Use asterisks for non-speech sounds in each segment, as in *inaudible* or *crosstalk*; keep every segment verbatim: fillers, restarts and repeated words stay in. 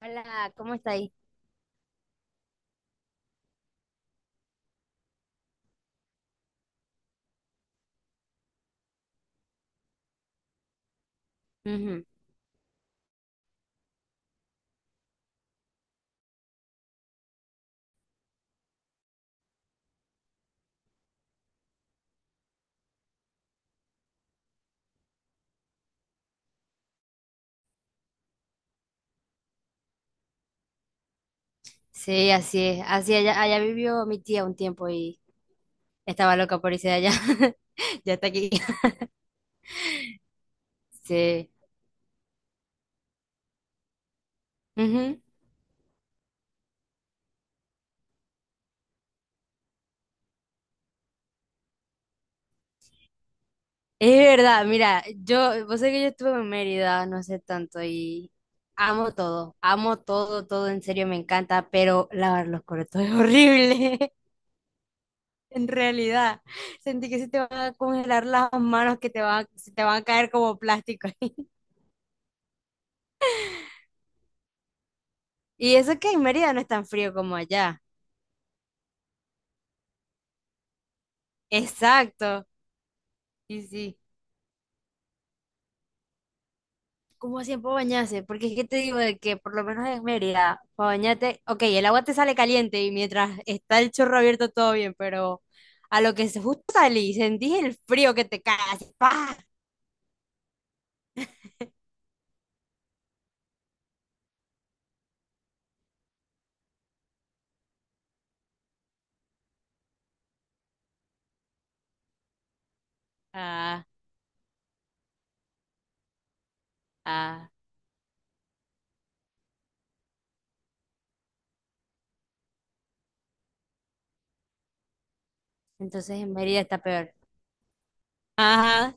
Hola, ¿cómo está ahí? Ujú. Sí, así es. Así allá, allá vivió mi tía un tiempo y estaba loca por irse de allá. *laughs* Ya está aquí. *laughs* Sí. Ujú. Es verdad, mira, yo, vos sabés que yo estuve en Mérida no sé tanto y amo todo, amo todo, todo, en serio me encanta, pero lavar los corotos es horrible, *laughs* en realidad. Sentí que se te van a congelar las manos, que te van, se te van a caer como plástico. *laughs* Y eso que en Mérida no es tan frío como allá. Exacto. Sí, sí. ¿Cómo hacían para bañarse? Porque es que te digo de que por lo menos en Mérida, para bañarte, ok, el agua te sale caliente y mientras está el chorro abierto todo bien, pero a lo que se justo salí, sentís el frío que te cae así, ¡pa! Ah, ah. Entonces en Mérida está peor. Ajá.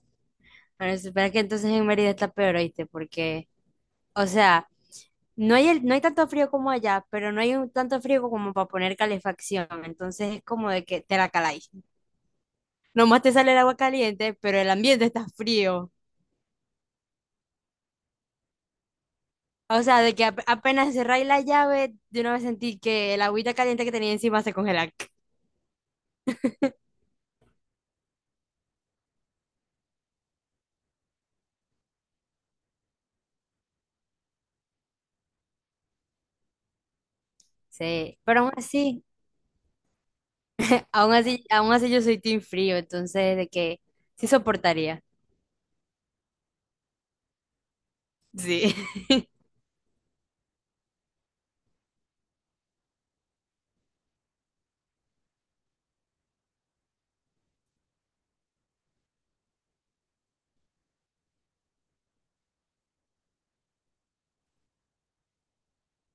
Bueno, espera que entonces en Mérida está peor, ¿oíste? Porque, o sea, no hay, el- no hay tanto frío como allá, pero no hay un, tanto frío como para poner calefacción. Entonces es como de que te la caláis. Nomás te sale el agua caliente, pero el ambiente está frío. O sea, de que ap- apenas cerráis la llave, de una vez sentí que el agüita caliente que tenía encima se congela. Sí, pero aún así, aún así, aún así yo soy team frío, entonces de que sí soportaría. Sí. *laughs*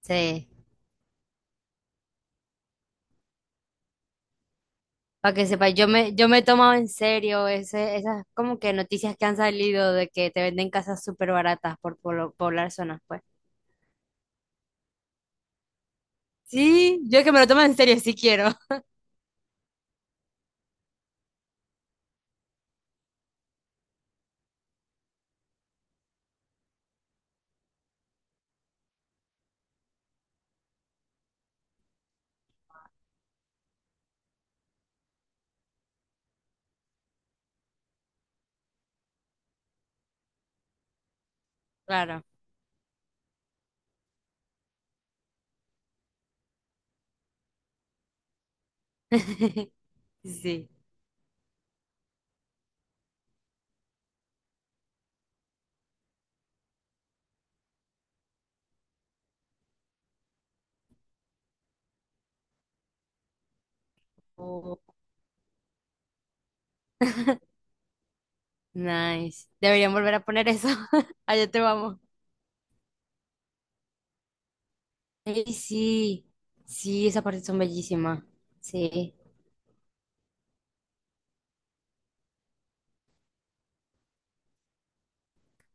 Sí, para que sepa, yo me, yo me he tomado en serio ese, esas como que noticias que han salido de que te venden casas súper baratas por polo- poblar zonas, pues. Sí, yo que me lo tomo en serio, sí quiero. Claro. *laughs* Sí. *laughs* Nice. Deberían volver a poner eso. *laughs* Allá te vamos. Ey, sí, sí, esas partes son bellísimas. Sí.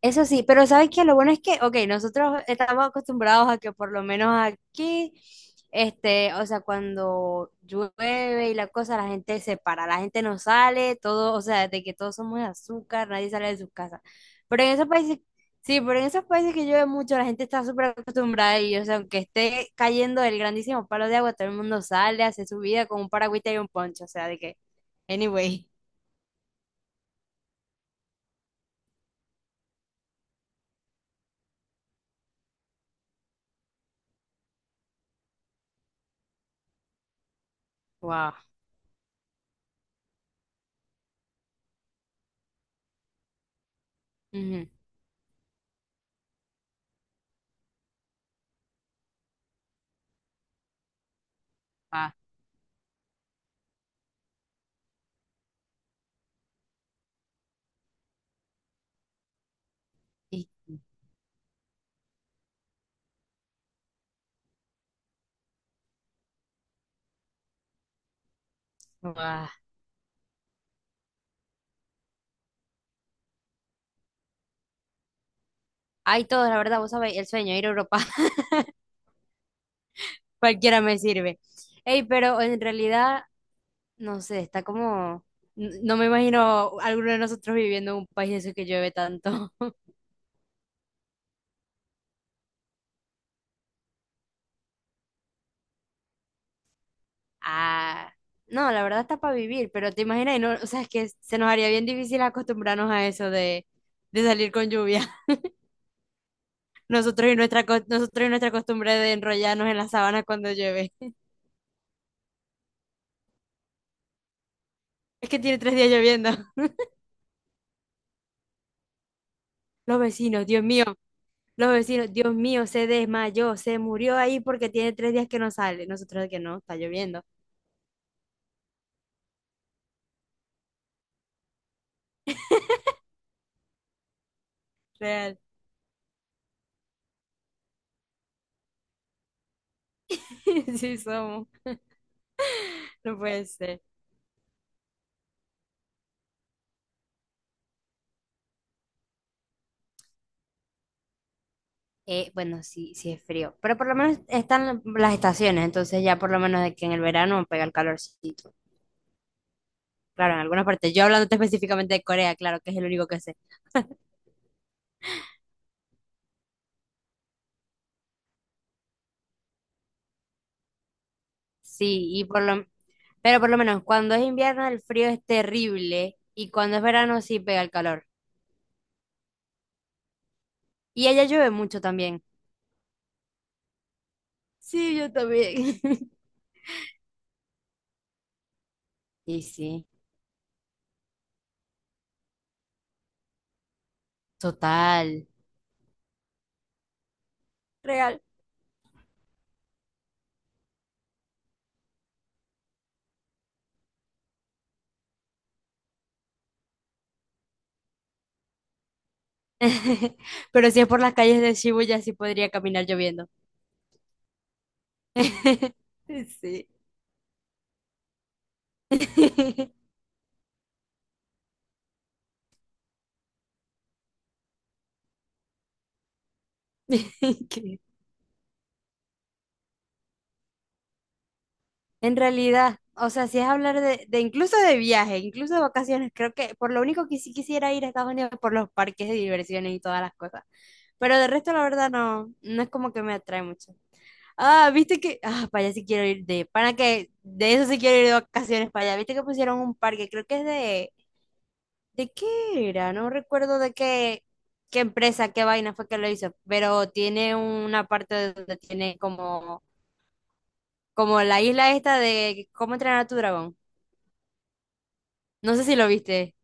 Eso sí, pero ¿sabes que lo bueno es que, ok, nosotros estamos acostumbrados a que por lo menos aquí, este, o sea, cuando llueve y la cosa, la gente se para, la gente no sale, todo, o sea, de que todos somos de azúcar, nadie sale de sus casas. Pero en esos países, sí, pero en esos países que llueve mucho, la gente está súper acostumbrada y, o sea, aunque esté cayendo el grandísimo palo de agua, todo el mundo sale, hace su vida con un paragüita y un poncho, o sea, de que, anyway, wow. Ujú, ah, y- wow. Hay todos, la verdad, vos sabés, el sueño, ir a Europa, *laughs* cualquiera me sirve. Ey, pero en realidad, no sé, está como, n- no me imagino alguno de nosotros viviendo en un país de esos que llueve tanto. *laughs* Ah, no, la verdad está para vivir, pero te imaginas, y no, o sea, es que se nos haría bien difícil acostumbrarnos a eso de, de salir con lluvia. *laughs* Nosotros y nuestra, cos- nosotros y nuestra costumbre de enrollarnos en la sábana cuando llueve. *laughs* Es que tiene tres días lloviendo. *laughs* Los vecinos, Dios mío. Los vecinos, Dios mío, se desmayó, se murió ahí porque tiene tres días que no sale. Nosotros que no, está lloviendo. Real. *laughs* Sí somos, no puede ser. Eh, bueno, sí, sí es frío, pero por lo menos están las estaciones, entonces ya por lo menos de que en el verano pega el calorcito. Claro, en algunas partes. Yo hablándote *laughs* específicamente de Corea, claro, que es el único que sé. Sí, y por lo, pero por lo menos cuando es invierno el frío es terrible y cuando es verano sí pega el calor. Y allá llueve mucho también. Sí, yo también. *laughs* Y sí. Total. Real. *laughs* Pero si es por las calles de Shibuya, sí podría caminar lloviendo. *laughs* Sí. *laughs* Que en realidad, o sea, si es hablar de, de incluso de viaje, incluso de vacaciones, creo que por lo único que sí quisiera ir a Estados Unidos es por los parques de diversiones y todas las cosas. Pero de resto, la verdad, no, no es como que me atrae mucho. Ah, viste que, ah, para allá sí quiero ir de, para que, de eso sí quiero ir de vacaciones para allá. Viste que pusieron un parque, creo que es de, ¿de qué era? No recuerdo de qué, qué empresa, qué vaina fue que lo hizo, pero tiene una parte donde tiene como, como la isla esta de cómo entrenar a tu dragón. No sé si lo viste.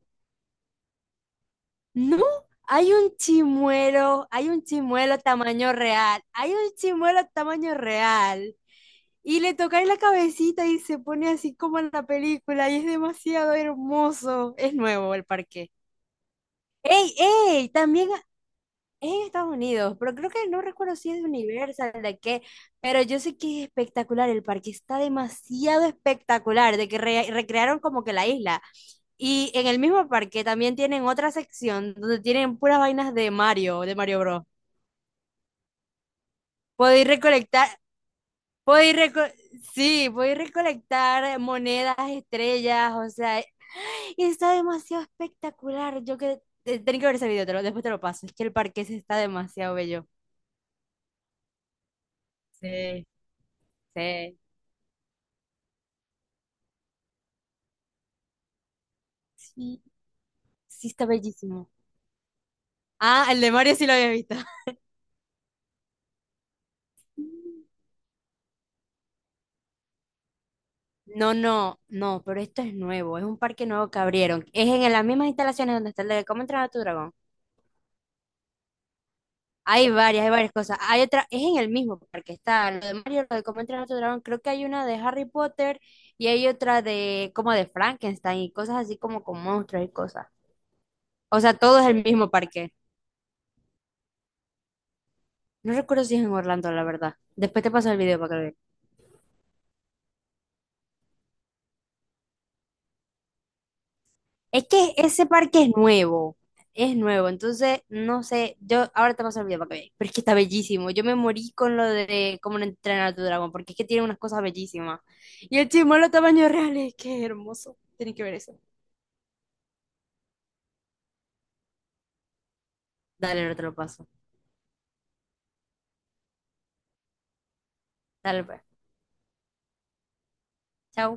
No, hay un chimuelo, hay un chimuelo tamaño real, hay un chimuelo tamaño real. Y le toca en la cabecita y se pone así como en la película y es demasiado hermoso. Es nuevo el parque. ¡Ey, ey! También es en Estados Unidos, pero creo que no recuerdo si es de Universal, de qué, pero yo sé que es espectacular el parque, está demasiado espectacular, de que re- recrearon como que la isla. Y en el mismo parque también tienen otra sección donde tienen puras vainas de Mario, de Mario Bros. Puedo ir recolectar, puedo ir reco- sí, puedo ir recolectar monedas, estrellas, o sea, y está demasiado espectacular. Yo que, te- tenés que ver ese video, te lo- después te lo paso, es que el parque ese está demasiado bello. Sí, sí. Sí, sí está bellísimo. Ah, el de Mario sí lo había visto. *laughs* No, no, no, pero esto es nuevo, es un parque nuevo que abrieron. Es en las mismas instalaciones donde está el de Cómo entrenar a tu dragón. Hay varias, hay varias cosas. Hay otra, es en el mismo parque, está lo de Mario, lo de Cómo entrenar a tu dragón. Creo que hay una de Harry Potter y hay otra de como de Frankenstein y cosas así como con monstruos y cosas. O sea, todo es el mismo parque. No recuerdo si es en Orlando, la verdad. Después te paso el video para que lo veas. Es que ese parque es nuevo, es nuevo, entonces no sé, yo ahora te vas a olvidar para que veas, pero es que está bellísimo. Yo me morí con lo de cómo no entrenar a tu dragón, porque es que tiene unas cosas bellísimas. Y el chimuelo tamaño real es que es hermoso, tienes que ver eso. Dale, no te lo paso. Dale, pues. Chao.